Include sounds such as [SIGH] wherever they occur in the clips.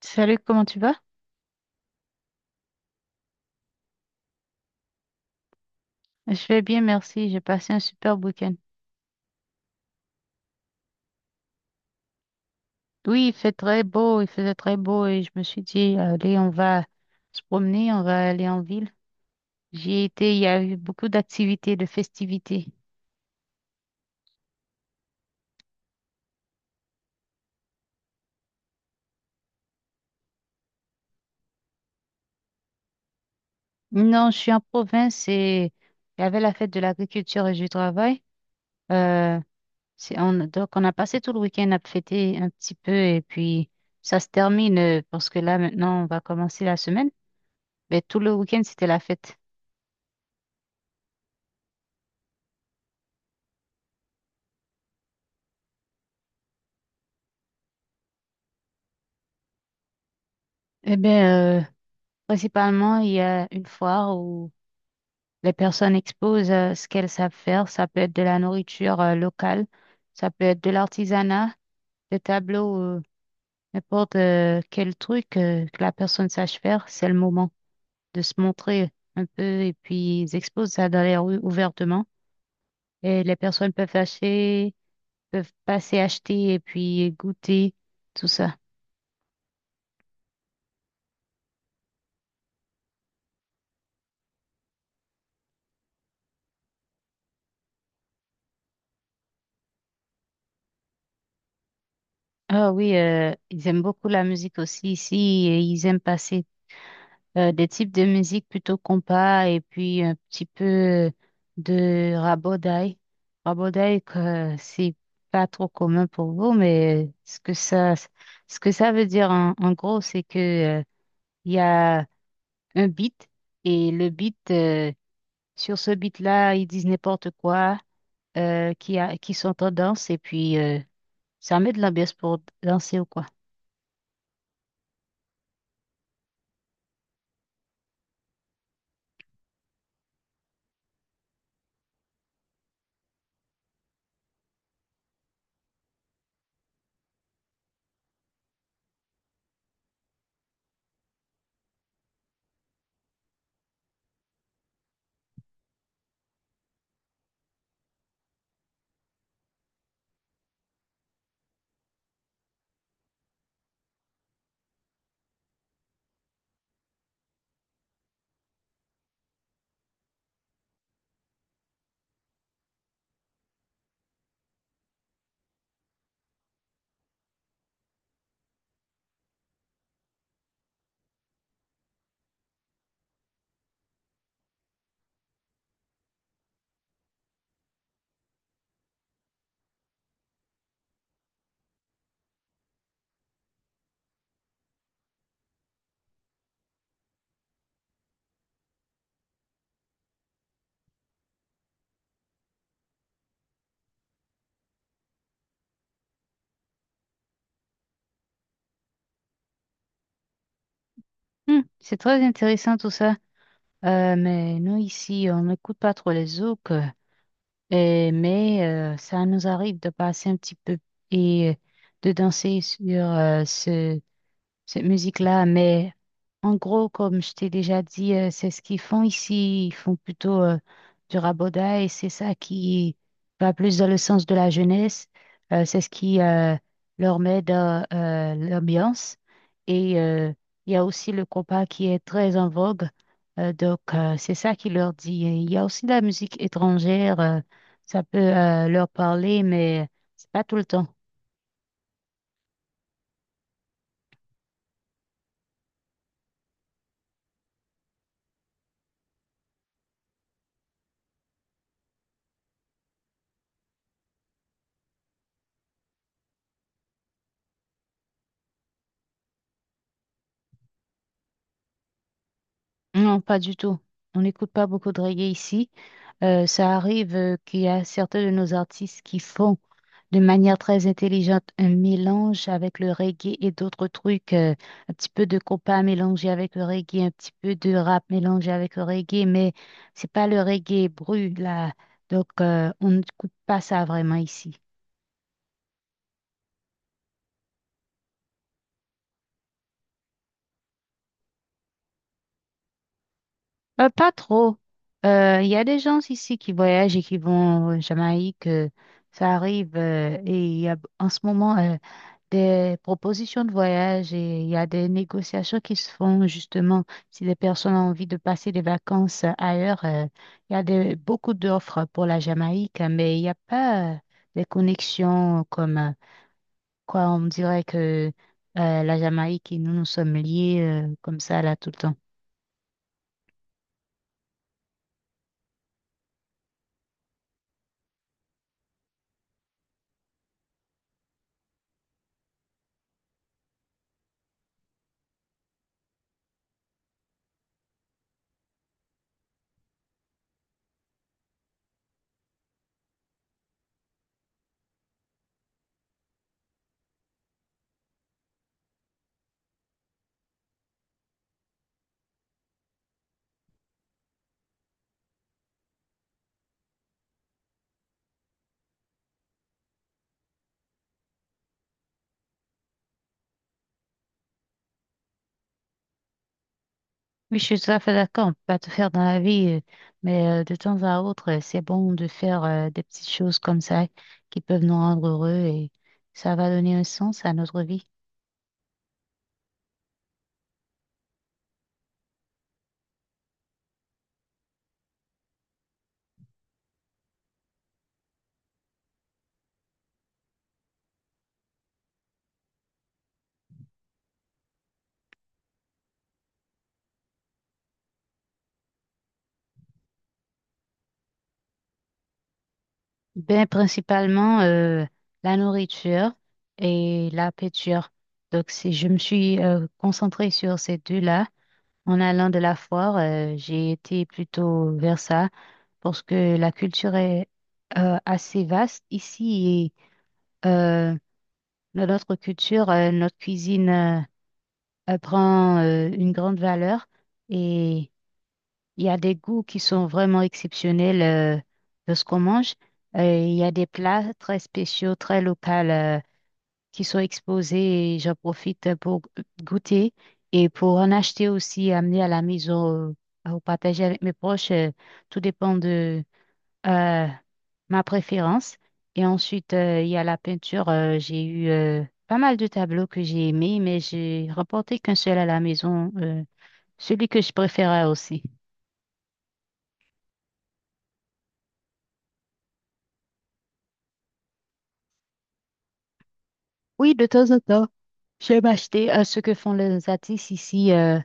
Salut, comment tu vas? Je vais bien, merci. J'ai passé un super week-end. Oui, il fait très beau, il faisait très beau et je me suis dit, allez, on va se promener, on va aller en ville. J'y ai été, il y a eu beaucoup d'activités, de festivités. Non, je suis en province et il y avait la fête de l'agriculture et du travail. Euh, on a passé tout le week-end à fêter un petit peu et puis ça se termine parce que là, maintenant, on va commencer la semaine. Mais tout le week-end, c'était la fête. Eh bien, principalement, il y a une foire où les personnes exposent ce qu'elles savent faire. Ça peut être de la nourriture locale, ça peut être de l'artisanat, des tableaux, n'importe quel truc que la personne sache faire. C'est le moment de se montrer un peu et puis ils exposent ça dans les rues ouvertement. Et les personnes peuvent acheter, peuvent passer acheter et puis goûter tout ça. Ah oui, ils aiment beaucoup la musique aussi ici et ils aiment passer des types de musique plutôt compas et puis un petit peu de rabodaï. Rabodaï, que c'est pas trop commun pour vous, mais ce que ça veut dire en gros, c'est que Il y a un beat et sur ce beat-là, ils disent n'importe quoi qui sont en danse et puis ça met de l'ambiance pour danser ou quoi. Hmm, c'est très intéressant tout ça. Mais nous ici, on n'écoute pas trop les zouks, mais ça nous arrive de passer un petit peu et de danser sur ce cette musique-là, mais en gros, comme je t'ai déjà dit, c'est ce qu'ils font ici. Ils font plutôt du raboda et c'est ça qui va plus dans le sens de la jeunesse. C'est ce qui leur met dans l'ambiance. Et euh, il y a aussi le compas qui est très en vogue. C'est ça qui leur dit. Et il y a aussi de la musique étrangère. Ça peut leur parler, mais c'est pas tout le temps. Non, pas du tout. On n'écoute pas beaucoup de reggae ici. Ça arrive qu'il y a certains de nos artistes qui font de manière très intelligente un mélange avec le reggae et d'autres trucs, un petit peu de compas mélangé avec le reggae, un petit peu de rap mélangé avec le reggae, mais c'est pas le reggae brut là. Donc on n'écoute pas ça vraiment ici. Pas trop. Il y a des gens ici qui voyagent et qui vont en Jamaïque. Ça arrive et il y a en ce moment des propositions de voyage et il y a des négociations qui se font justement si les personnes ont envie de passer des vacances ailleurs. Il y a des, beaucoup d'offres pour la Jamaïque, mais il n'y a pas des connexions comme on dirait que la Jamaïque et nous, nous sommes liés comme ça là tout le temps. Oui, je suis tout à fait d'accord, on peut pas tout faire dans la vie, mais de temps à autre, c'est bon de faire des petites choses comme ça qui peuvent nous rendre heureux et ça va donner un sens à notre vie. Ben, principalement la nourriture et la peinture. Donc, si je me suis concentrée sur ces deux-là en allant de la foire, j'ai été plutôt vers ça parce que la culture est assez vaste ici et dans notre culture, notre cuisine prend une grande valeur et il y a des goûts qui sont vraiment exceptionnels de ce qu'on mange. Il y a des plats très spéciaux, très locaux qui sont exposés et j'en profite pour goûter et pour en acheter aussi, amener à la maison ou partager avec mes proches. Tout dépend de euh, ma préférence. Et ensuite, il y a la peinture. J'ai eu pas mal de tableaux que j'ai aimés, mais j'ai remporté qu'un seul à la maison, celui que je préférais aussi. Oui, de temps en temps, j'aime acheter ce que font les artistes ici.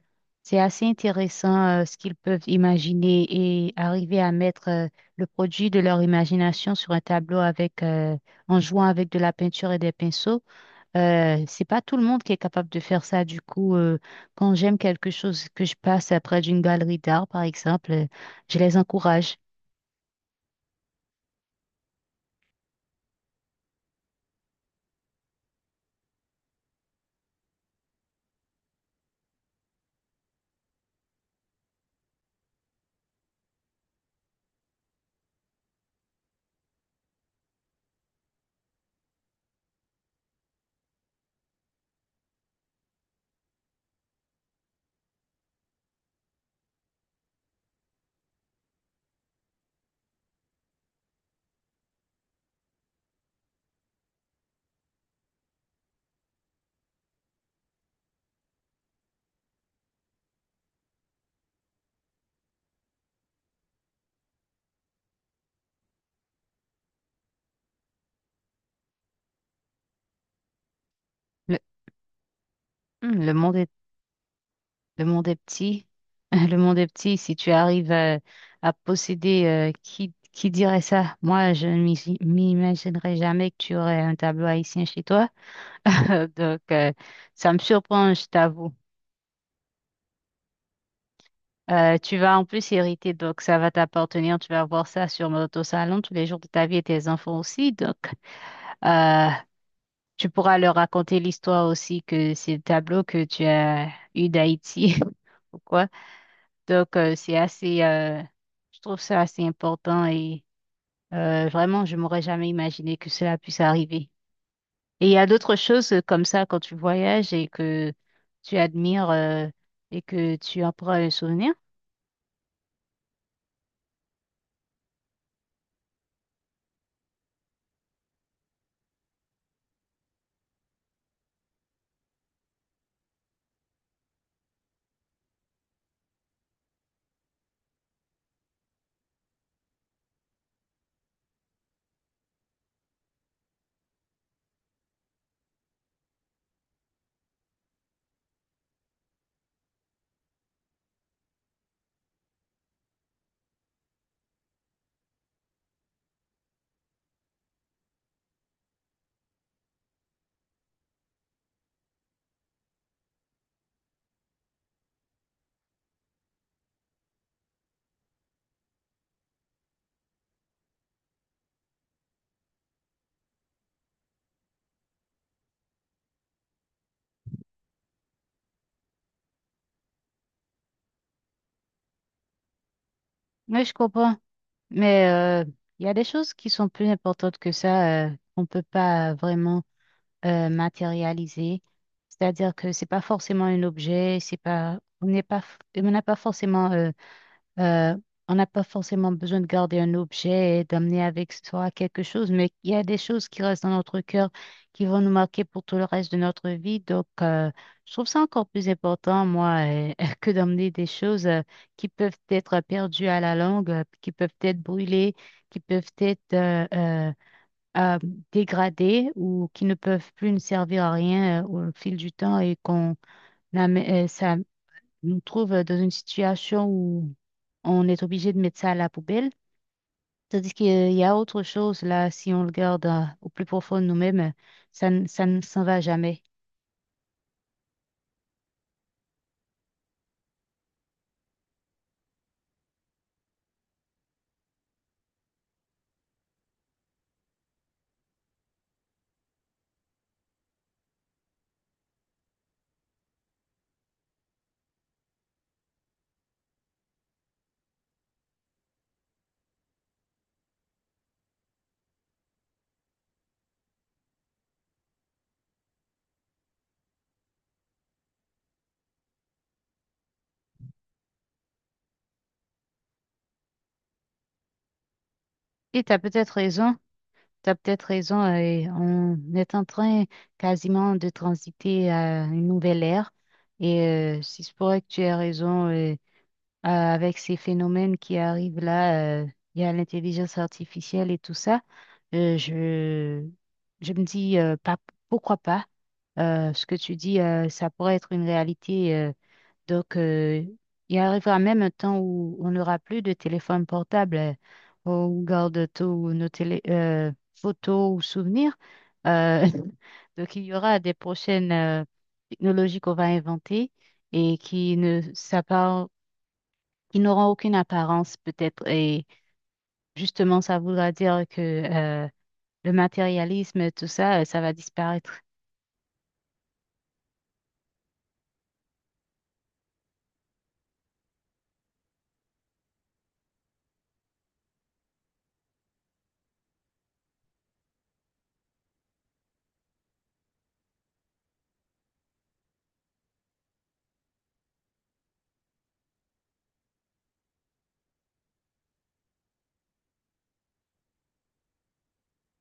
C'est assez intéressant ce qu'ils peuvent imaginer et arriver à mettre le produit de leur imagination sur un tableau avec, en jouant avec de la peinture et des pinceaux. C'est pas tout le monde qui est capable de faire ça. Du coup, quand j'aime quelque chose que je passe près d'une galerie d'art, par exemple, je les encourage. Le, Hum, le monde Le monde est petit. [LAUGHS] Le monde est petit. Si tu arrives à posséder, qui dirait ça? Moi, je ne m'imaginerais jamais que tu aurais un tableau haïtien chez toi. [LAUGHS] Donc, ça me surprend, je t'avoue. Tu vas en plus hériter, donc ça va t'appartenir. Tu vas voir ça sur notre salon tous les jours de ta vie et tes enfants aussi. Donc, euh, tu pourras leur raconter l'histoire aussi que c'est le tableau que tu as eu d'Haïti. [LAUGHS] Pourquoi? Donc, je trouve ça assez important et vraiment, je m'aurais jamais imaginé que cela puisse arriver. Et il y a d'autres choses comme ça quand tu voyages et que tu admires et que tu en prends un souvenir. Oui, je comprends. Mais euh, il y a des choses qui sont plus importantes que ça, qu'on ne peut pas vraiment matérialiser. C'est-à-dire que c'est pas forcément un objet, c'est pas, on n'est pas, on n'a pas forcément Euh, on n'a pas forcément besoin de garder un objet et d'amener avec soi quelque chose, mais il y a des choses qui restent dans notre cœur, qui vont nous marquer pour tout le reste de notre vie. Donc, je trouve ça encore plus important, moi, [LAUGHS] que d'emmener des choses qui peuvent être perdues à la longue, qui peuvent être brûlées, qui peuvent être euh, dégradées ou qui ne peuvent plus nous servir à rien au fil du temps et ça nous trouve dans une situation où on est obligé de mettre ça à la poubelle. Tandis qu'il y a autre chose là, si on le garde au plus profond de nous-mêmes, ça ne s'en va jamais. Et tu as peut-être raison, Tu as peut-être raison, et on est en train quasiment de transiter à une nouvelle ère. Et si c'est vrai que tu as raison, avec ces phénomènes qui arrivent là, il y a l'intelligence artificielle et tout ça, euh, je, je me dis, pas, pourquoi pas? Ce que tu dis, ça pourrait être une réalité. Donc, euh, il arrivera même un temps où on n'aura plus de téléphone portable. On garde tous photos ou souvenirs. Euh, [LAUGHS] donc, il y aura des prochaines technologies qu'on va inventer et qui ne s'appar- qui n'auront aucune apparence peut-être. Et justement, ça voudra dire que le matérialisme, tout ça, ça va disparaître.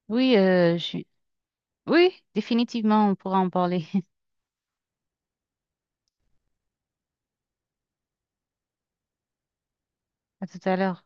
Oui, euh, je Oui, définitivement, on pourra en parler. [LAUGHS] À tout à l'heure.